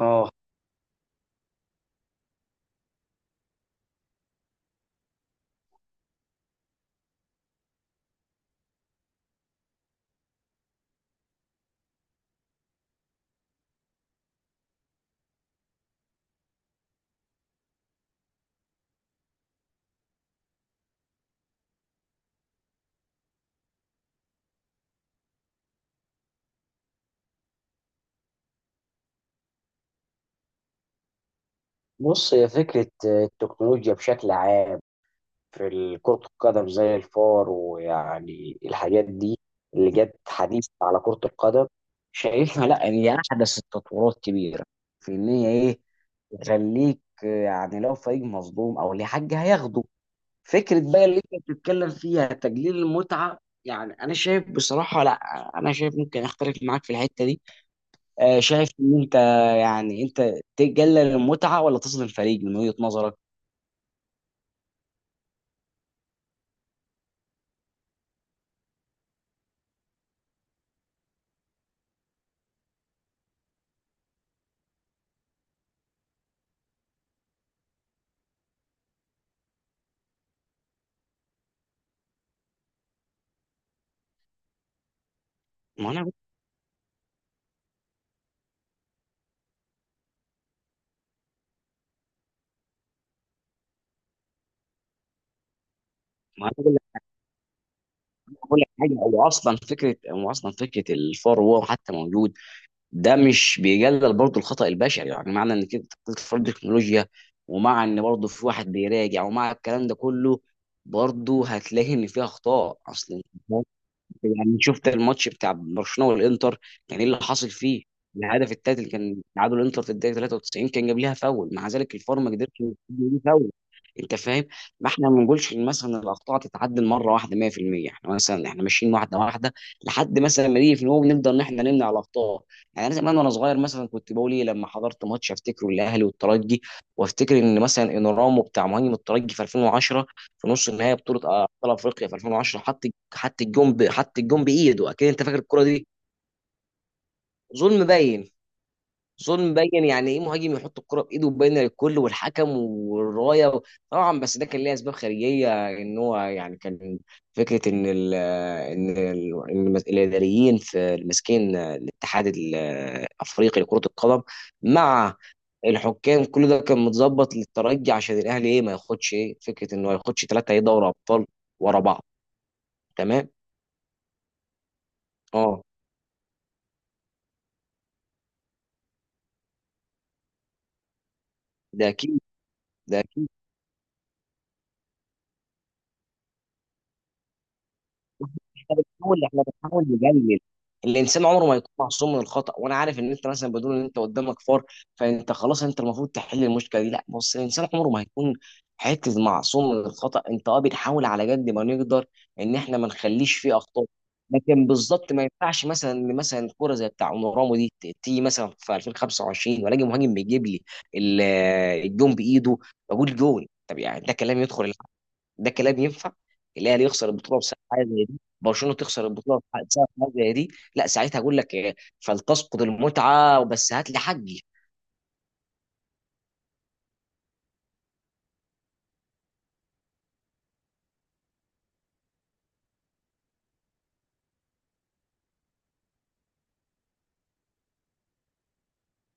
اه، بص. هي فكرة التكنولوجيا بشكل عام في كرة القدم زي الفار ويعني الحاجات دي اللي جت حديث على كرة القدم، شايفها لا إن هي أحدث التطورات كبيرة في إن هي إيه. تخليك يعني لو فريق مظلوم أو ليه حاجة هياخده. فكرة بقى اللي أنت بتتكلم فيها تجليل المتعة، يعني أنا شايف بصراحة لا. أنا شايف ممكن أختلف معاك في الحتة دي. شايف ان انت، يعني انت تقلل المتعه ولا تظلم فريق من وجهه نظرك؟ ما انا ما انا بقول لك حاجه. هو اصلا فكره الفار، وهو حتى موجود، ده مش بيقلل برضه الخطا البشري، يعني معنى ان كده تطور التكنولوجيا، ومع ان برضه في واحد بيراجع ومع الكلام ده كله، برضه هتلاقي ان فيها اخطاء اصلا. يعني شفت الماتش بتاع برشلونه والانتر، كان ايه اللي حاصل فيه؟ الهدف التالت اللي كان تعادل الانتر في الدقيقه 93 كان جاب ليها فاول، مع ذلك الفار ما قدرش يجيب ليه فاول، انت فاهم. ما احنا ما بنقولش إن مثلا الاخطاء تتعدل مره واحده 100%، احنا مثلا ماشيين واحده واحده لحد مثلا ما نيجي في، نقوم نقدر ان احنا نمنع الاخطاء. يعني انا زمان وانا صغير مثلا كنت بقول ايه لما حضرت ماتش افتكره الاهلي والترجي، وافتكر ان مثلا انورامو بتاع مهاجم الترجي في 2010 في نص النهائي بطوله ابطال افريقيا في 2010. حط الجون بايده، اكيد انت فاكر الكره دي. ظلم باين ظلم باين، يعني ايه مهاجم يحط الكره بايده وباينه للكل والحكم والرايه طبعا. بس ده كان ليه اسباب خارجيه، ان هو يعني كان فكره ان ال ان ال إن الاداريين في ماسكين الاتحاد الافريقي لكره القدم مع الحكام، كل ده كان متظبط للترجي عشان الاهلي، ايه، ما ياخدش، ايه، فكره انه ما ياخدش ثلاثه، ايه، دوري ابطال ورا بعض. تمام. اه. ده اكيد ده اكيد. احنا بنحاول نقلل. الانسان عمره ما يكون معصوم من الخطا، وانا عارف ان انت مثلا بدون ان انت قدامك فار فانت خلاص انت المفروض تحل المشكله دي. لا بص، الانسان عمره ما هيكون حته معصوم من الخطا. انت، اه، بنحاول على قد ما نقدر ان احنا ما نخليش فيه اخطاء. لكن بالظبط ما ينفعش مثلا ان مثلا كوره زي بتاع اونورامو دي تيجي مثلا في 2025 والاقي مهاجم بيجيب لي ال- الجون بايده، بقول جول. طب يعني ده كلام يدخل، ده كلام ينفع؟ الاهلي يخسر البطوله بسبب حاجه زي دي، برشلونه تخسر البطوله بسبب حاجه زي دي. لا ساعتها اقول لك فلتسقط المتعه بس هات لي حقي.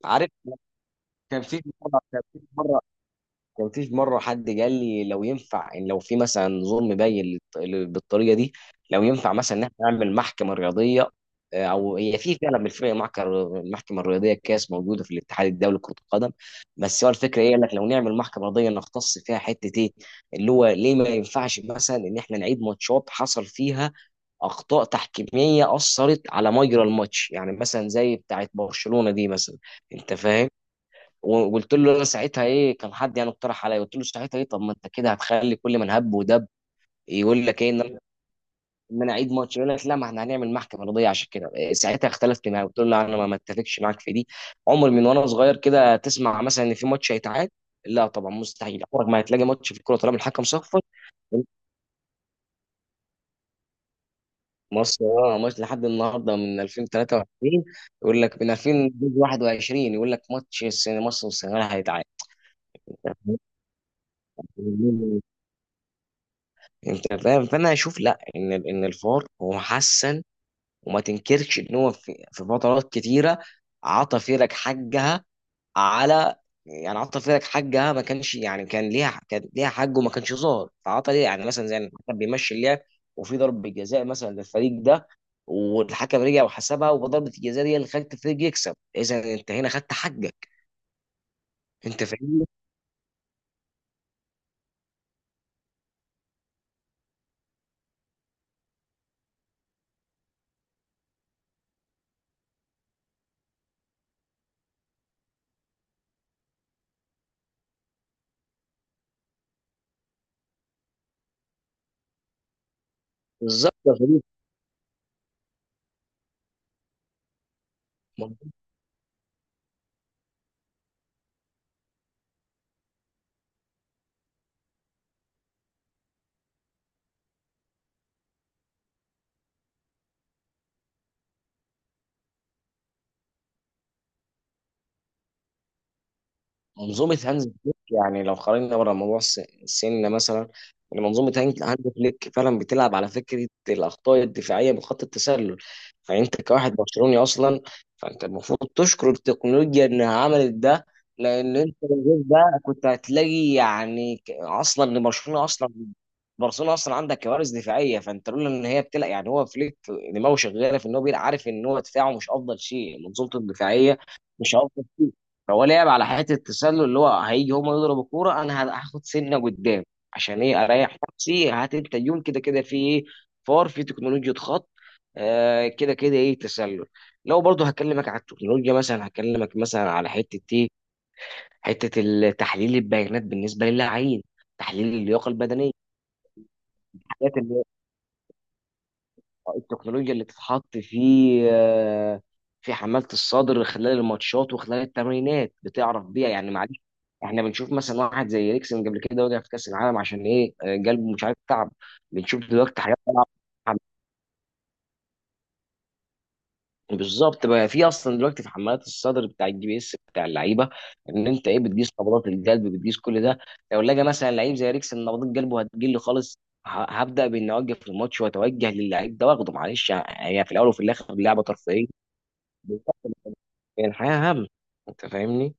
عارف. كان في مره كان في مره كان في مرة حد قال لي، لو ينفع إن لو في مثلا ظلم باين بالطريقة دي، لو ينفع مثلا إن إحنا نعمل محكمة رياضية. أو هي في فعلا بالفعل المحكمة الرياضية كاس موجودة في الاتحاد الدولي لكرة القدم. بس هو الفكرة إيه؟ قال لك لو نعمل محكمة رياضية نختص فيها حتة إيه، اللي هو ليه ما ينفعش مثلا إن إحنا نعيد ماتشات حصل فيها اخطاء تحكيميه اثرت على مجرى الماتش، يعني مثلا زي بتاعت برشلونه دي مثلا، انت فاهم. وقلت له انا ساعتها ايه، كان حد يعني اقترح عليا، قلت له ساعتها ايه، طب ما انت كده هتخلي كل من هب ودب يقول لك ايه ان انا إن أنا اعيد ماتش، يقول لك لا ما احنا هنعمل محكمه رضيه عشان كده، ساعتها اختلفت معاه، قلت له لا انا ما اتفقش معاك في دي. عمر من وانا صغير كده تسمع مثلا ان في ماتش هيتعاد، لا طبعا مستحيل، عمرك ما هتلاقي ماتش في الكوره طالما الحكم صفر. مصر اه، ماتش لحد النهارده من 2023 يقول لك من 2021، يقول لك ماتش السنه مصر والسنغال هيتعاد. انت فاهم، فانا اشوف لا ان الفار هو حسن، وما تنكرش ان هو في فترات كتيره عطى فرق حقها، على، يعني عطى فرق حقها، ما كانش يعني كان ليها حق وما كانش ظاهر فعطى ليه، يعني مثلا زي ان الحكم بيمشي اللعب وفي ضربه جزاء مثلا للفريق ده والحكم رجع وحسبها، وضربه الجزاء دي اللي خلت الفريق يكسب. اذا انت هنا خدت حقك، انت فاهمني. بالظبط يا صديقي. منظومة هانز فليك، يعني لو خرجنا بره موضوع السن مثلا، إن منظومة هانز فليك فعلا بتلعب على فكرة الأخطاء الدفاعية من خط التسلل. فأنت كواحد برشلوني أصلا فأنت المفروض تشكر التكنولوجيا إنها عملت ده. لأن أنت من غير ده كنت هتلاقي يعني أصلا إن برشلونة أصلا عندك كوارث دفاعية، فأنت لولا إن هي بتلعب، يعني هو فليك دماغه شغالة في إن هو بيلعب عارف إن هو دفاعه مش أفضل شيء، منظومته الدفاعية مش أفضل شيء. فهو لعب على حته التسلل، اللي هو هيجي هم يضربوا الكوره انا هاخد سنه قدام. عشان ايه اريح نفسي، هات انت اليوم كده كده في ايه؟ فار، في تكنولوجيا خط، كده كده ايه، تسلل. لو برضه هكلمك على التكنولوجيا مثلا، هكلمك مثلا على حته ايه، حته تحليل البيانات بالنسبه للاعبين، تحليل اللياقه البدنيه، الحاجات التكنولوجيا اللي بتتحط آه، في حمالة الصدر خلال الماتشات وخلال التمرينات بتعرف بيها، يعني معلش. احنا بنشوف مثلا واحد زي ريكسن قبل كده وقع في كأس العالم، عشان ايه قلبه مش عارف، تعب. بنشوف دلوقتي حاجات طالعة. بالظبط بقى، في اصلا دلوقتي في حمالات الصدر بتاع GPS بتاع اللعيبه، ان انت ايه بتقيس نبضات القلب، بتقيس كل ده. لو لقى مثلا لعيب زي ريكسن نبضات قلبه هتقل خالص، هبدا باني اوقف الماتش واتوجه للعيب ده واخده. معلش هي في الاول وفي الاخر لعبه ترفيهيه. بالظبط، يعني الحياة هم، أنت فاهمني؟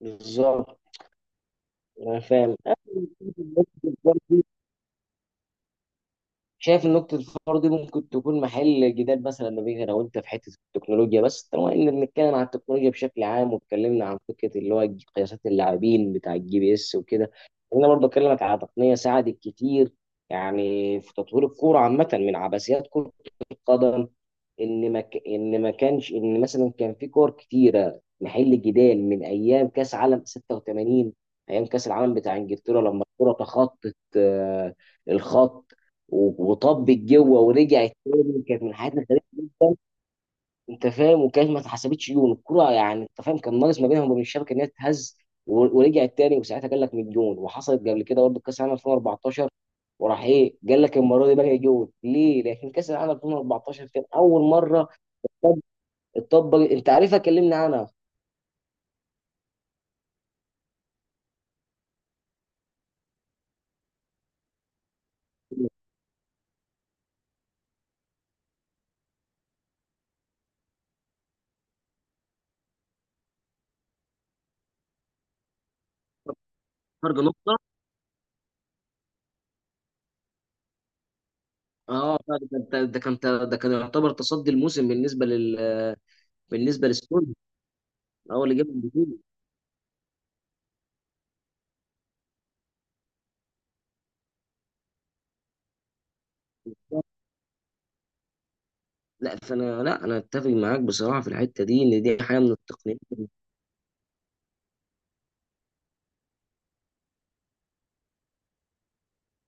بالظبط. انا فاهم. شايف ان نقطة الفار دي ممكن تكون محل جدال مثلا ما بين انا وانت في حتة التكنولوجيا، بس طالما ان بنتكلم عن التكنولوجيا بشكل عام واتكلمنا عن فكرة اللي هو قياسات اللاعبين بتاع GPS وكده، انا برضه اكلمك على تقنية ساعدت كتير يعني في تطوير الكورة عامة من عبثيات كرة القدم، ان ما كانش ان مثلا كان في كور كتيره محل جدال من ايام كاس عالم 86، ايام كاس العالم بتاع انجلترا، لما الكره تخطت الخط وطبت جوه ورجعت تاني، كانت من الحاجات الغريبه جدا. انت فاهم، وكانت ما اتحسبتش جون الكره، يعني انت فاهم كان ناقص ما بينهم وبين الشبكه ان هي تتهز ورجعت تاني، وساعتها قال لك من جون. وحصلت قبل كده برضه كاس العالم 2014، وراح ايه قال لك المره دي بقى جون ليه؟ لكن كاس العالم 2014 كان اول مره اتطبق، انت عارفها كلمني عنها. فرق نقطة. اه ده ده كان ده كان يعتبر تصدي الموسم بالنسبة للسون، هو اللي جاب البطولة. لا، انا اتفق معاك بصراحه في الحته دي، ان دي حاجه من التقنيات.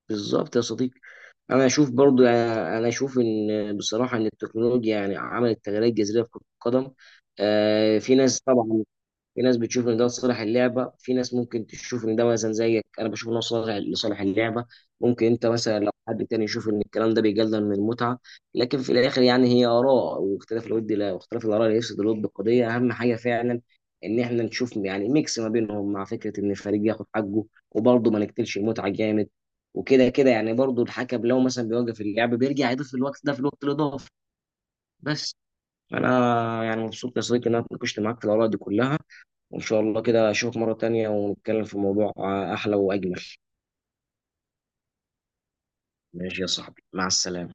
بالظبط يا صديقي. انا اشوف ان بصراحه ان التكنولوجيا يعني عملت تغييرات جذريه في كره القدم. في ناس طبعا، في ناس بتشوف ان ده لصالح اللعبه، في ناس ممكن تشوف ان ده مثلا، زيك انا بشوف ان هو صالح لصالح اللعبه. ممكن انت مثلا، لو حد تاني يشوف ان الكلام ده بيقلل من المتعه، لكن في الاخر يعني هي اراء، واختلاف الود لا واختلاف الاراء ليس ضد القضيه، اهم حاجه فعلا ان احنا نشوف يعني ميكس ما بينهم مع فكره ان الفريق ياخد حقه، وبرضه ما نقتلش المتعه جامد. وكده كده يعني برضه الحكم لو مثلا بيوقف اللعب بيرجع يضيف الوقت ده في الوقت الاضافي. بس انا يعني مبسوط يا صديقي ان انا اتناقشت معاك في الاراء دي كلها، وإن شاء الله كده أشوفك مرة تانية ونتكلم في موضوع أحلى وأجمل. ماشي يا صاحبي، مع السلامة.